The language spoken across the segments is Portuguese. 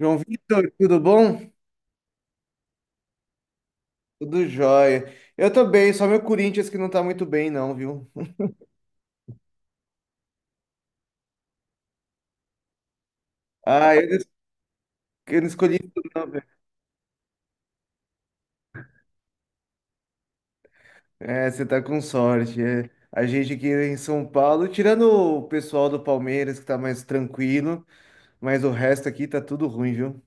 João Vitor, tudo bom? Tudo jóia. Eu tô bem, só meu Corinthians que não tá muito bem, não, viu? Ah, eu não, eu não escolhi isso, não, velho. É, você tá com sorte. É. A gente aqui em São Paulo, tirando o pessoal do Palmeiras que tá mais tranquilo, mas o resto aqui tá tudo ruim, viu?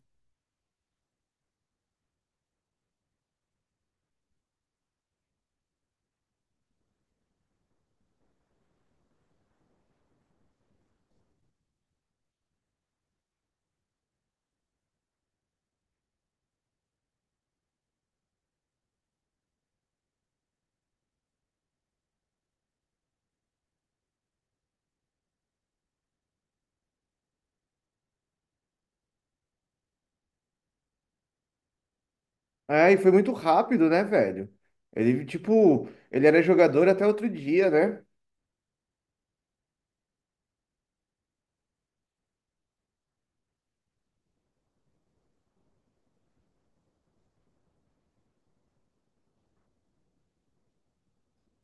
Ah, e foi muito rápido, né, velho? Ele, tipo, ele era jogador até outro dia, né?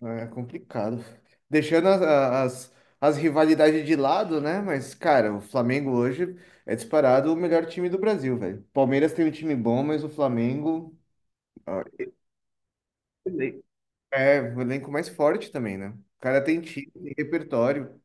Ah, é complicado. Deixando as rivalidades de lado, né? Mas, cara, o Flamengo hoje é disparado o melhor time do Brasil, velho. Palmeiras tem um time bom, mas o Flamengo, ó, é o elenco mais forte também, né? O cara tem time, tem repertório.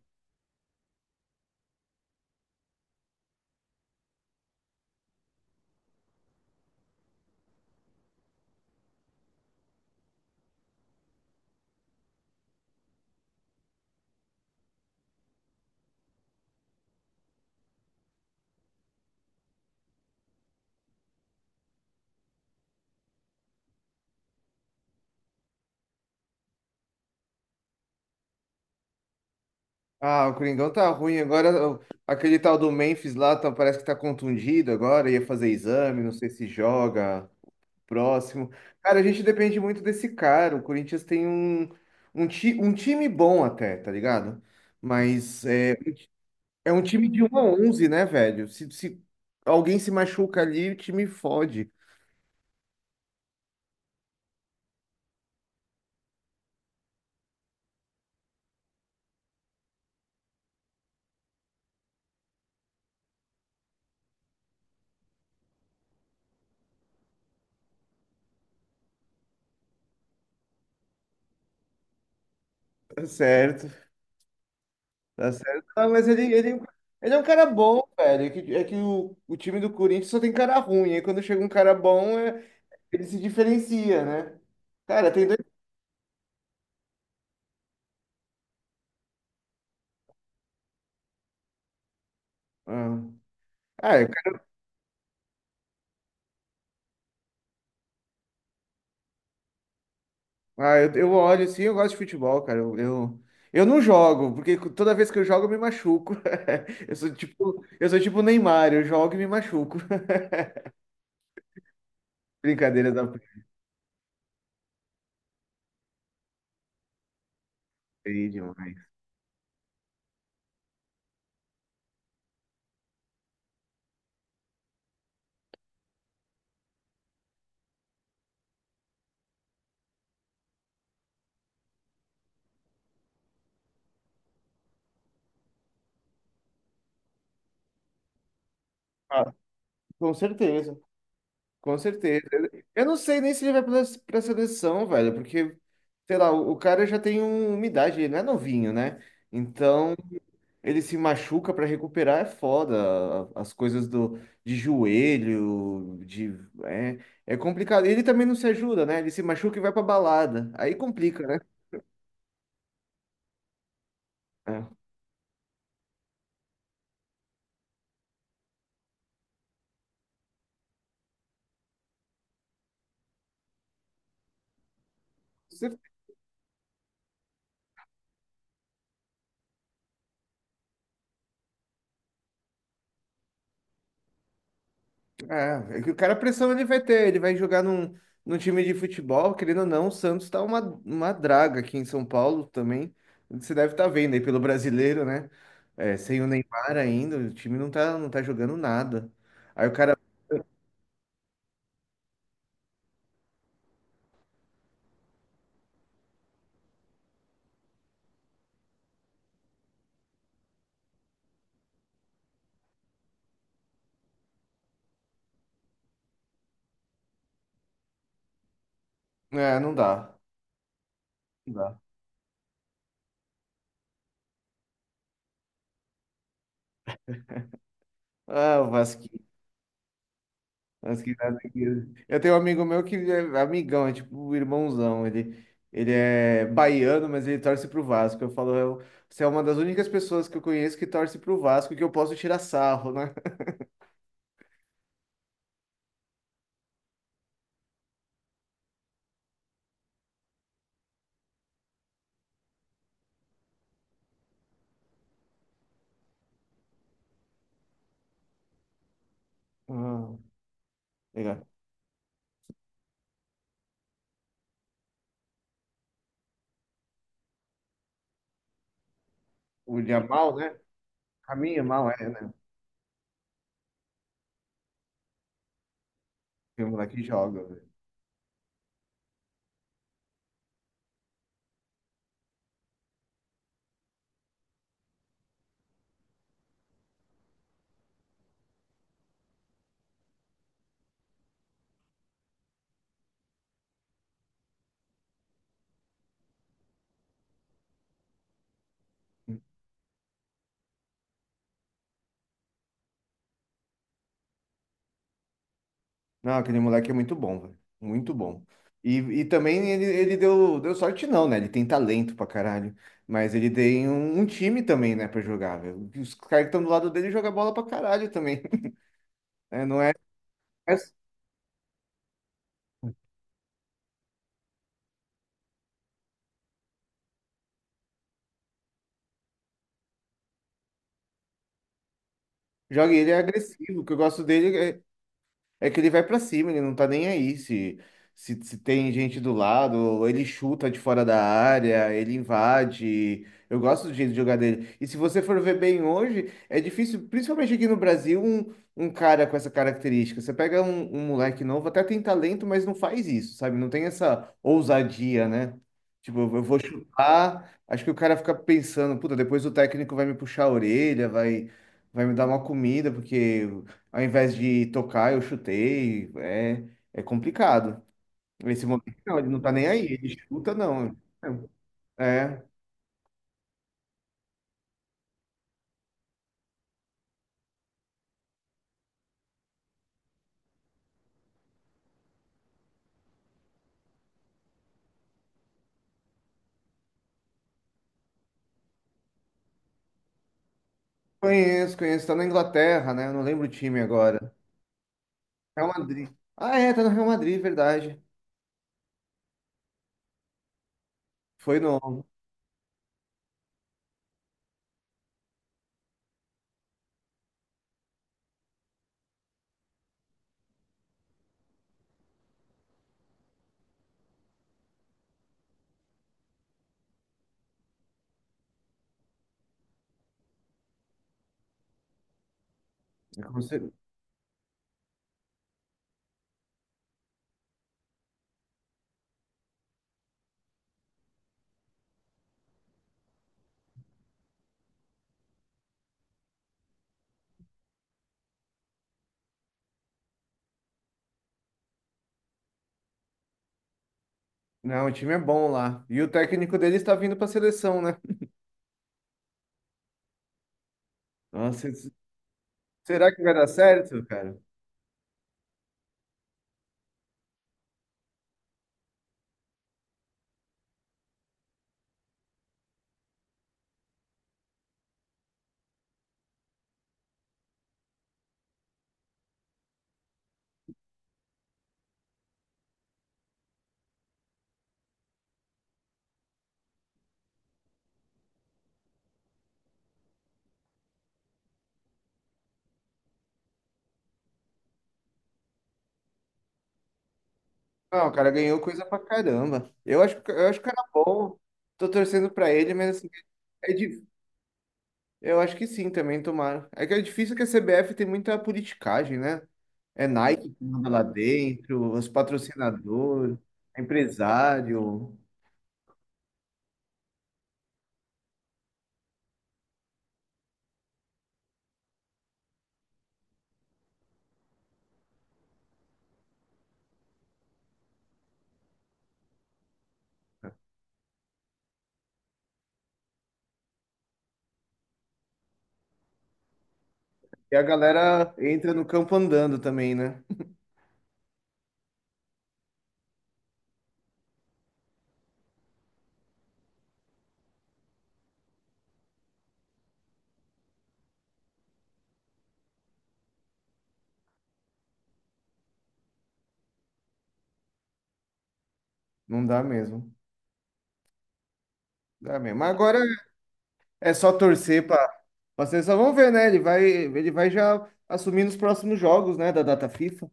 Ah, o Coringão tá ruim. Agora, aquele tal do Memphis lá parece que tá contundido agora, ia fazer exame, não sei se joga. Próximo. Cara, a gente depende muito desse cara. O Corinthians tem um time bom até, tá ligado? Mas é, é um time de 1 a 11, né, velho? Se alguém se machuca ali, o time fode. Tá certo, tá certo. Ele é um cara bom, velho. É que o time do Corinthians só tem cara ruim. Aí quando chega um cara bom, ele se diferencia, né? Cara, tem dois. Ah, Ah, é eu olho sim, eu gosto de futebol, cara. Eu não jogo, porque toda vez que eu jogo eu me machuco. Eu sou tipo o Neymar, eu jogo e me machuco. Brincadeiras da parte aí demais. Ah, com certeza, com certeza. Eu não sei nem se ele vai pra seleção, velho, porque, sei lá, o cara já tem uma idade, ele não é novinho, né? Então, ele se machuca para recuperar é foda. As coisas do, de joelho, de, é, é complicado. Ele também não se ajuda, né? Ele se machuca e vai pra balada. Aí complica, né? É. Você- é, é que o cara a pressão ele vai ter, ele vai jogar num time de futebol, querendo ou não, o Santos tá uma draga aqui em São Paulo também. Você deve estar vendo aí pelo brasileiro, né? É, sem o Neymar ainda, o time não tá, não tá jogando nada. Aí o cara, é, não dá, não dá. Ah, o Vasco. As que nada que- Eu tenho um amigo meu que é amigão, é tipo o irmãozão. Ele é baiano, mas ele torce pro Vasco. Eu falo, eu, você é uma das únicas pessoas que eu conheço que torce pro Vasco que eu posso tirar sarro, né? Ah, legal. O Yamal, né? Caminha mal, é, né? Tem um moleque que joga, velho. Não, aquele moleque é muito bom, velho. Muito bom. E também ele deu, deu sorte, não, né? Ele tem talento pra caralho. Mas ele tem um time também, né, pra jogar, velho. Os caras que estão do lado dele jogam bola pra caralho também. É, não é, é- Joga e ele é agressivo. O que eu gosto dele é, é que ele vai pra cima, ele não tá nem aí se tem gente do lado, ele chuta de fora da área, ele invade. Eu gosto do jeito de jogar dele. E se você for ver bem hoje, é difícil, principalmente aqui no Brasil, um cara com essa característica. Você pega um moleque novo, até tem talento, mas não faz isso, sabe? Não tem essa ousadia, né? Tipo, eu vou chutar, acho que o cara fica pensando, puta, depois o técnico vai me puxar a orelha, vai me dar uma comida, porque ao invés de tocar, eu chutei. É, é complicado. Esse moleque, não, ele não tá nem aí. Ele chuta, não. É. Conheço, conheço. Tá na Inglaterra, né? Eu não lembro o time agora. Real Madrid. Ah, é, tá no Real Madrid, verdade. Foi no. É como se- não, o time é bom lá. E o técnico dele está vindo pra seleção, né? Nossa, s- será que vai dar certo, cara? Não, o cara ganhou coisa pra caramba. Eu acho que o cara é bom. Tô torcendo pra ele, mas assim, é eu acho que sim, também tomara. É que é difícil que a CBF tem muita politicagem, né? É Nike que manda lá dentro, os patrocinadores, empresário. E a galera entra no campo andando também, né? Não dá mesmo. Dá mesmo. Mas agora é só torcer para a seleção. Vamos ver, né? Ele vai já assumir nos próximos jogos, né? Da data FIFA.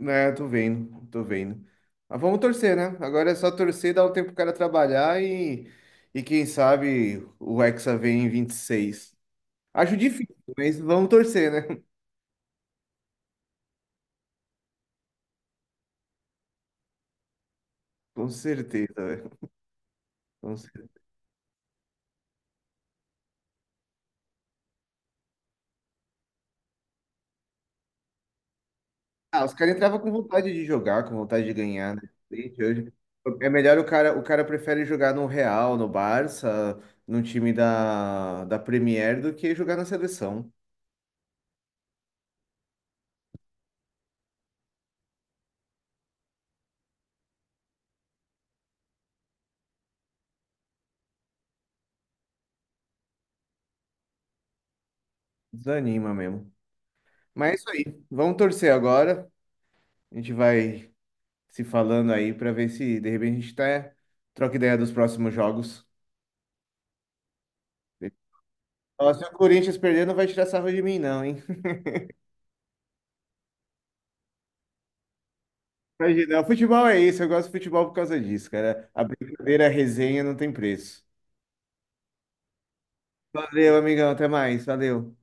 É, tô vendo, tô vendo. Mas vamos torcer, né? Agora é só torcer, dar um tempo pro cara trabalhar e quem sabe o Hexa vem em 26. Acho difícil, mas vamos torcer, né? Com certeza, velho. Com certeza. Ah, os caras entravam com vontade de jogar, com vontade de ganhar, né? Gente, hoje é melhor o cara prefere jogar no Real, no Barça, num time da Premier do que jogar na seleção. Desanima mesmo. Mas é isso aí. Vamos torcer agora. A gente vai se falando aí para ver se de repente a gente tá, troca ideia dos próximos jogos. Ó, se o Corinthians perder, não vai tirar sarro de mim, não, hein? Imagina, o futebol é isso, eu gosto de futebol por causa disso, cara. A brincadeira, a resenha não tem preço. Valeu, amigão, até mais, valeu.